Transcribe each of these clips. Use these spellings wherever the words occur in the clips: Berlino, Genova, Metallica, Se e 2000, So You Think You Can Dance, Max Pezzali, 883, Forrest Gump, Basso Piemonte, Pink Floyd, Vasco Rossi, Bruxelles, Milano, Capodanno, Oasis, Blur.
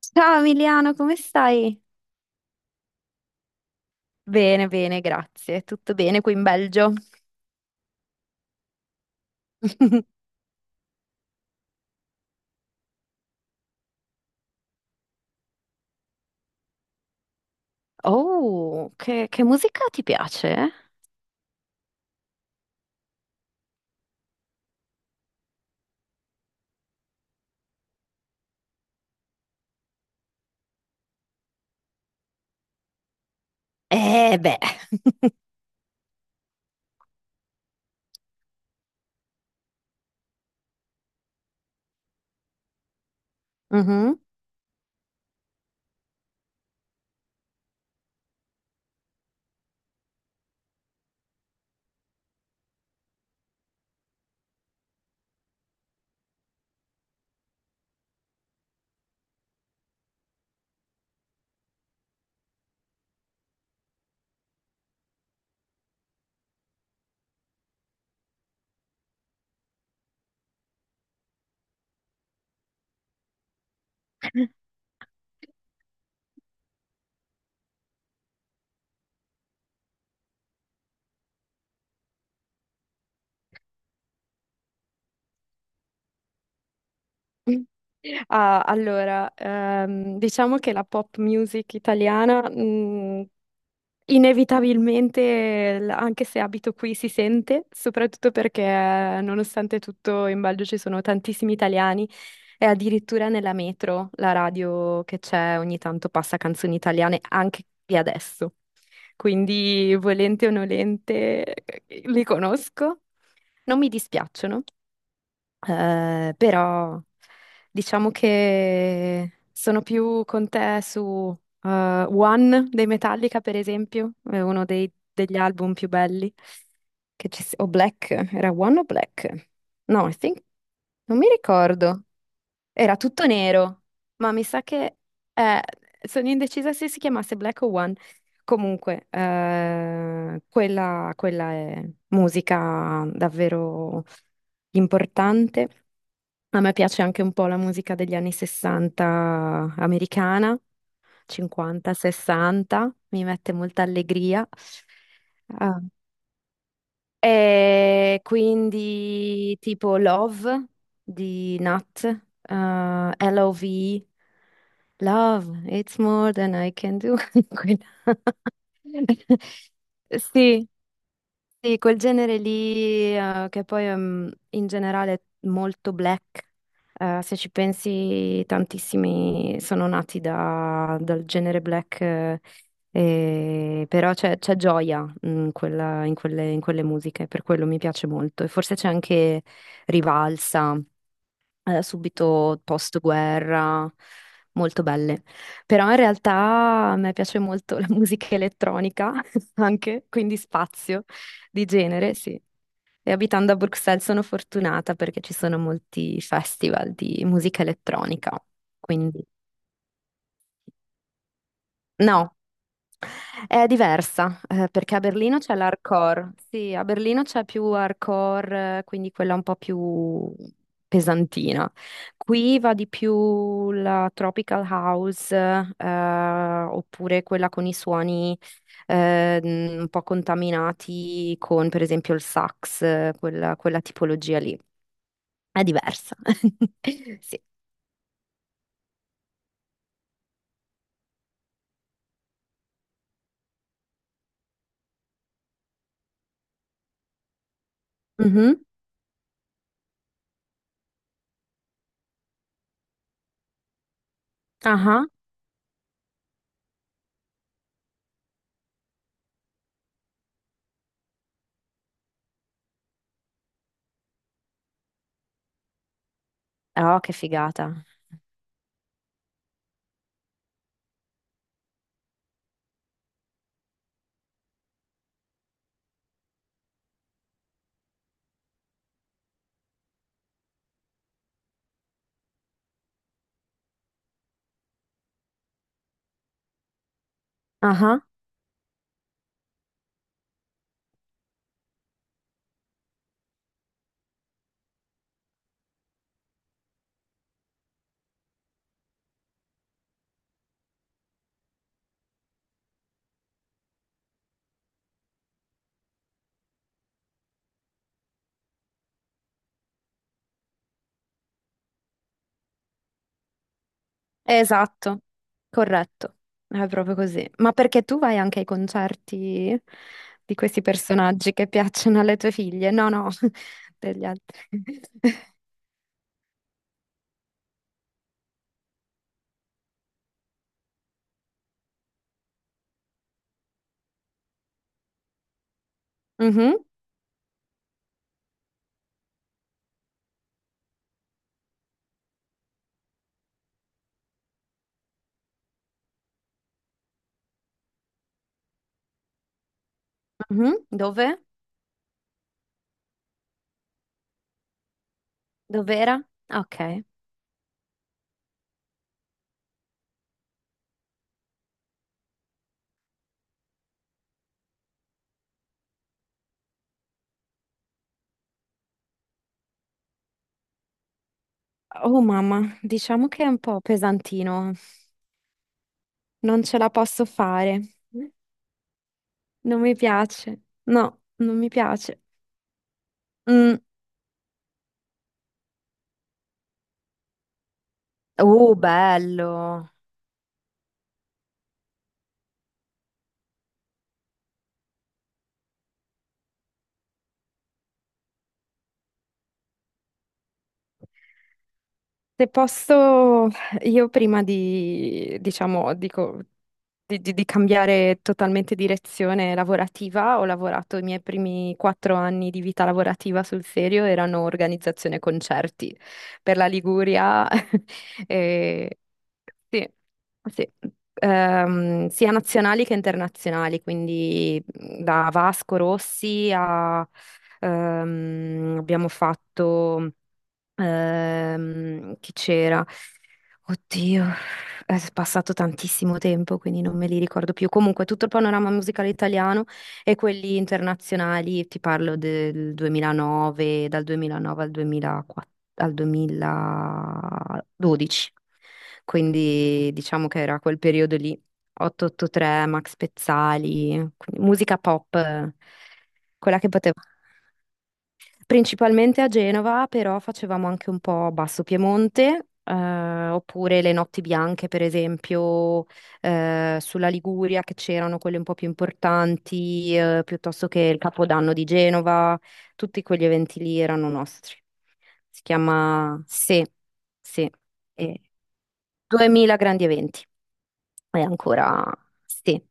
Ciao Emiliano, come stai? Bene, bene, grazie. Tutto bene qui in Belgio. Oh, che musica ti piace? Eh beh. Mhm. Ah, allora, diciamo che la pop music italiana, inevitabilmente, anche se abito qui, si sente, soprattutto perché nonostante tutto in Belgio ci sono tantissimi italiani e addirittura nella metro la radio che c'è ogni tanto passa canzoni italiane anche qui adesso. Quindi, volente o nolente, li conosco. Non mi dispiacciono, però diciamo che sono più con te su One dei Metallica, per esempio, è uno degli album più belli che o Black, era One o Black? No, I think, non mi ricordo. Era tutto nero, ma mi sa che eh, sono indecisa se si chiamasse Black o One. Comunque, quella è musica davvero importante. A me piace anche un po' la musica degli anni 60 americana, 50, 60, mi mette molta allegria. Ah, e quindi tipo Love di Nat, eh, L.O.V., Love, it's more than I can do. Quella- Sì, sì, quel genere lì, che poi in generale è molto black, se ci pensi tantissimi sono nati dal genere black, però c'è gioia in quelle musiche, per quello mi piace molto e forse c'è anche rivalsa, subito post-guerra, molto belle. Però in realtà a me piace molto la musica elettronica anche, quindi spazio di genere, sì. E abitando a Bruxelles sono fortunata perché ci sono molti festival di musica elettronica. Quindi no, è diversa, perché a Berlino c'è l'hardcore. Sì, a Berlino c'è più hardcore, quindi quella un po' più pesantina. Qui va di più la tropical house, oppure quella con i suoni, un po' contaminati con, per esempio, il sax, quella tipologia lì. È diversa. Sì. Mhm. Ah, ah. Oh, che figata. Esatto, corretto, è proprio così. Ma perché tu vai anche ai concerti di questi personaggi che piacciono alle tue figlie? No, no, degli altri. Mhm, mhm. Dove? Dov'era? Ok. Oh mamma, diciamo che è un po' pesantino. Non ce la posso fare. Non mi piace. No, non mi piace. Mm. Oh, bello. Se posso, io prima di, diciamo, dico, di cambiare totalmente direzione lavorativa. Ho lavorato i miei primi 4 anni di vita lavorativa sul serio, erano organizzazione concerti per la Liguria, e, sì, sì. Sia nazionali che internazionali, quindi mhmm, da Vasco Rossi a, abbiamo fatto. Che c'era? Oddio, è passato tantissimo tempo, quindi non me li ricordo più. Comunque, tutto il panorama musicale italiano e quelli internazionali, ti parlo del 2009, dal 2009 al 2004 al 2012. Quindi diciamo che era quel periodo lì, 883, Max Pezzali, quindi musica pop, quella che potevo. Principalmente a Genova, però facevamo anche un po' Basso Piemonte, oppure le notti bianche, per esempio, sulla Liguria, che c'erano quelle un po' più importanti, piuttosto che il Capodanno di Genova, tutti quegli eventi lì erano nostri. Si chiama Se, e 2000 grandi eventi, è ancora, sì,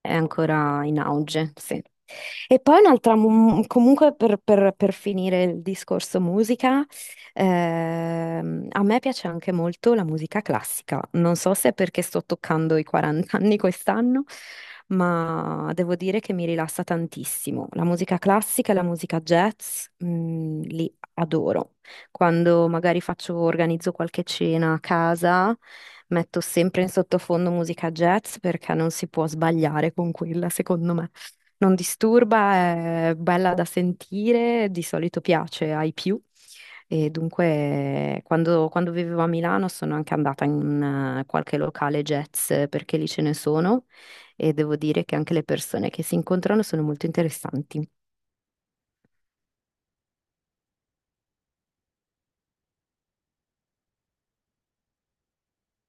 è ancora in auge, sì. E poi un'altra, comunque per finire il discorso musica, a me piace anche molto la musica classica. Non so se è perché sto toccando i 40 anni quest'anno, ma devo dire che mi rilassa tantissimo. La musica classica e la musica jazz, li adoro. Quando magari faccio, organizzo qualche cena a casa, metto sempre in sottofondo musica jazz perché non si può sbagliare con quella, secondo me. Non disturba, è bella da sentire, di solito piace ai più. E dunque, quando, quando vivevo a Milano sono anche andata in qualche locale jazz, perché lì ce ne sono e devo dire che anche le persone che si incontrano sono molto interessanti.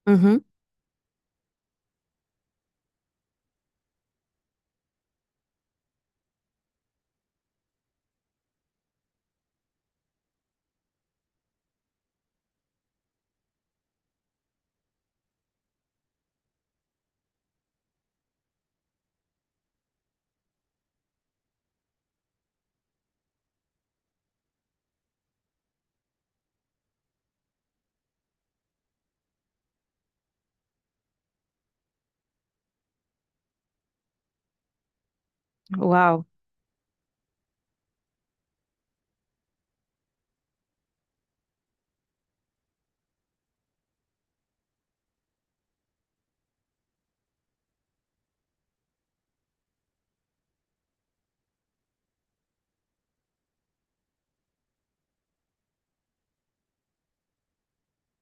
Mhm. Wow.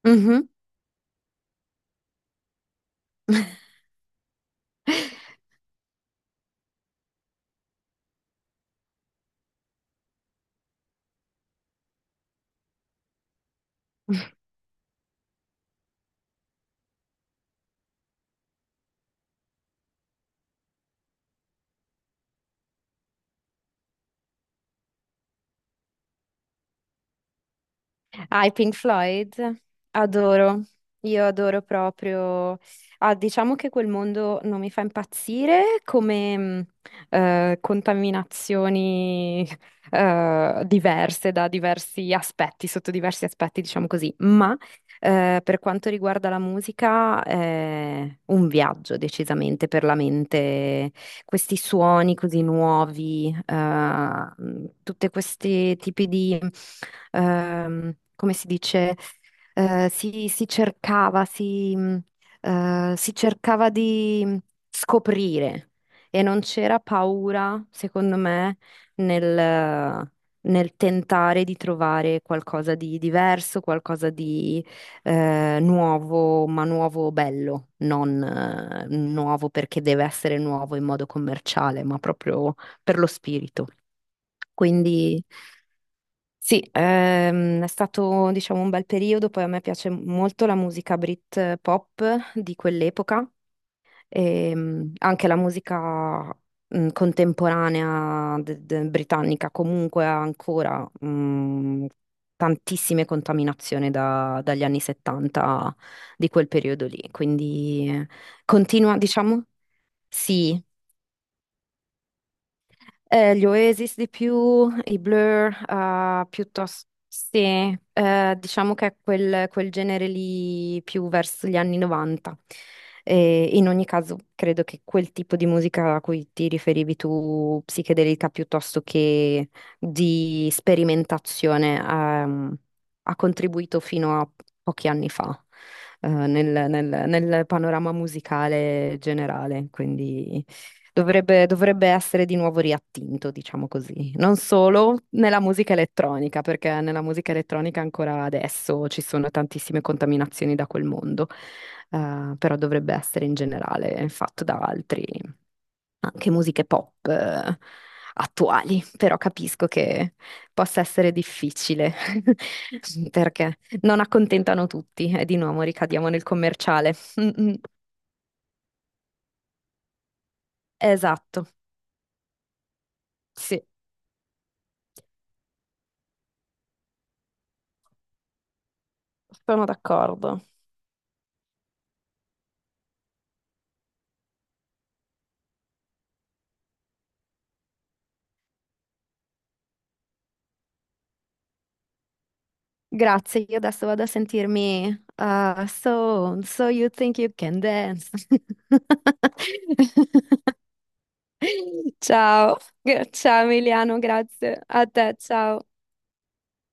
Mhm. Ah, i Pink Floyd, adoro, io adoro proprio. Ah, diciamo che quel mondo non mi fa impazzire come contaminazioni diverse da diversi aspetti, sotto diversi aspetti, diciamo così, ma per quanto riguarda la musica è un viaggio decisamente per la mente questi suoni così nuovi, tutti questi tipi di, come si dice, eh, si, si cercava, si, mh, si cercava di scoprire e non c'era paura, secondo me, nel, nel tentare di trovare qualcosa di diverso, qualcosa di nuovo, ma nuovo bello, non nuovo perché deve essere nuovo in modo commerciale, ma proprio per lo spirito. Quindi sì, è stato diciamo un bel periodo, poi a me piace molto la musica Brit, pop di quell'epoca e, anche la musica, contemporanea britannica comunque ha ancora tantissime contaminazioni dagli anni 70 di quel periodo lì, quindi continua, diciamo, sì, gli Oasis di più, i Blur, piuttosto sì, diciamo che è quel, quel genere lì più verso gli anni 90. E in ogni caso, credo che quel tipo di musica a cui ti riferivi tu, psichedelica piuttosto che di sperimentazione, ha contribuito fino a pochi anni fa, nel nel panorama musicale generale. Quindi. Dovrebbe essere di nuovo riattinto, diciamo così. Non solo nella musica elettronica, perché nella musica elettronica ancora adesso ci sono tantissime contaminazioni da quel mondo, però dovrebbe essere in generale fatto da altri, anche musiche pop, attuali. Però capisco che possa essere difficile, perché non accontentano tutti e di nuovo ricadiamo nel commerciale. Mm, mm. Esatto, sì. Sono d'accordo. Grazie, io adesso vado a sentirmi So You Think You Can Dance. Ciao, ciao Emiliano, grazie a te, ciao.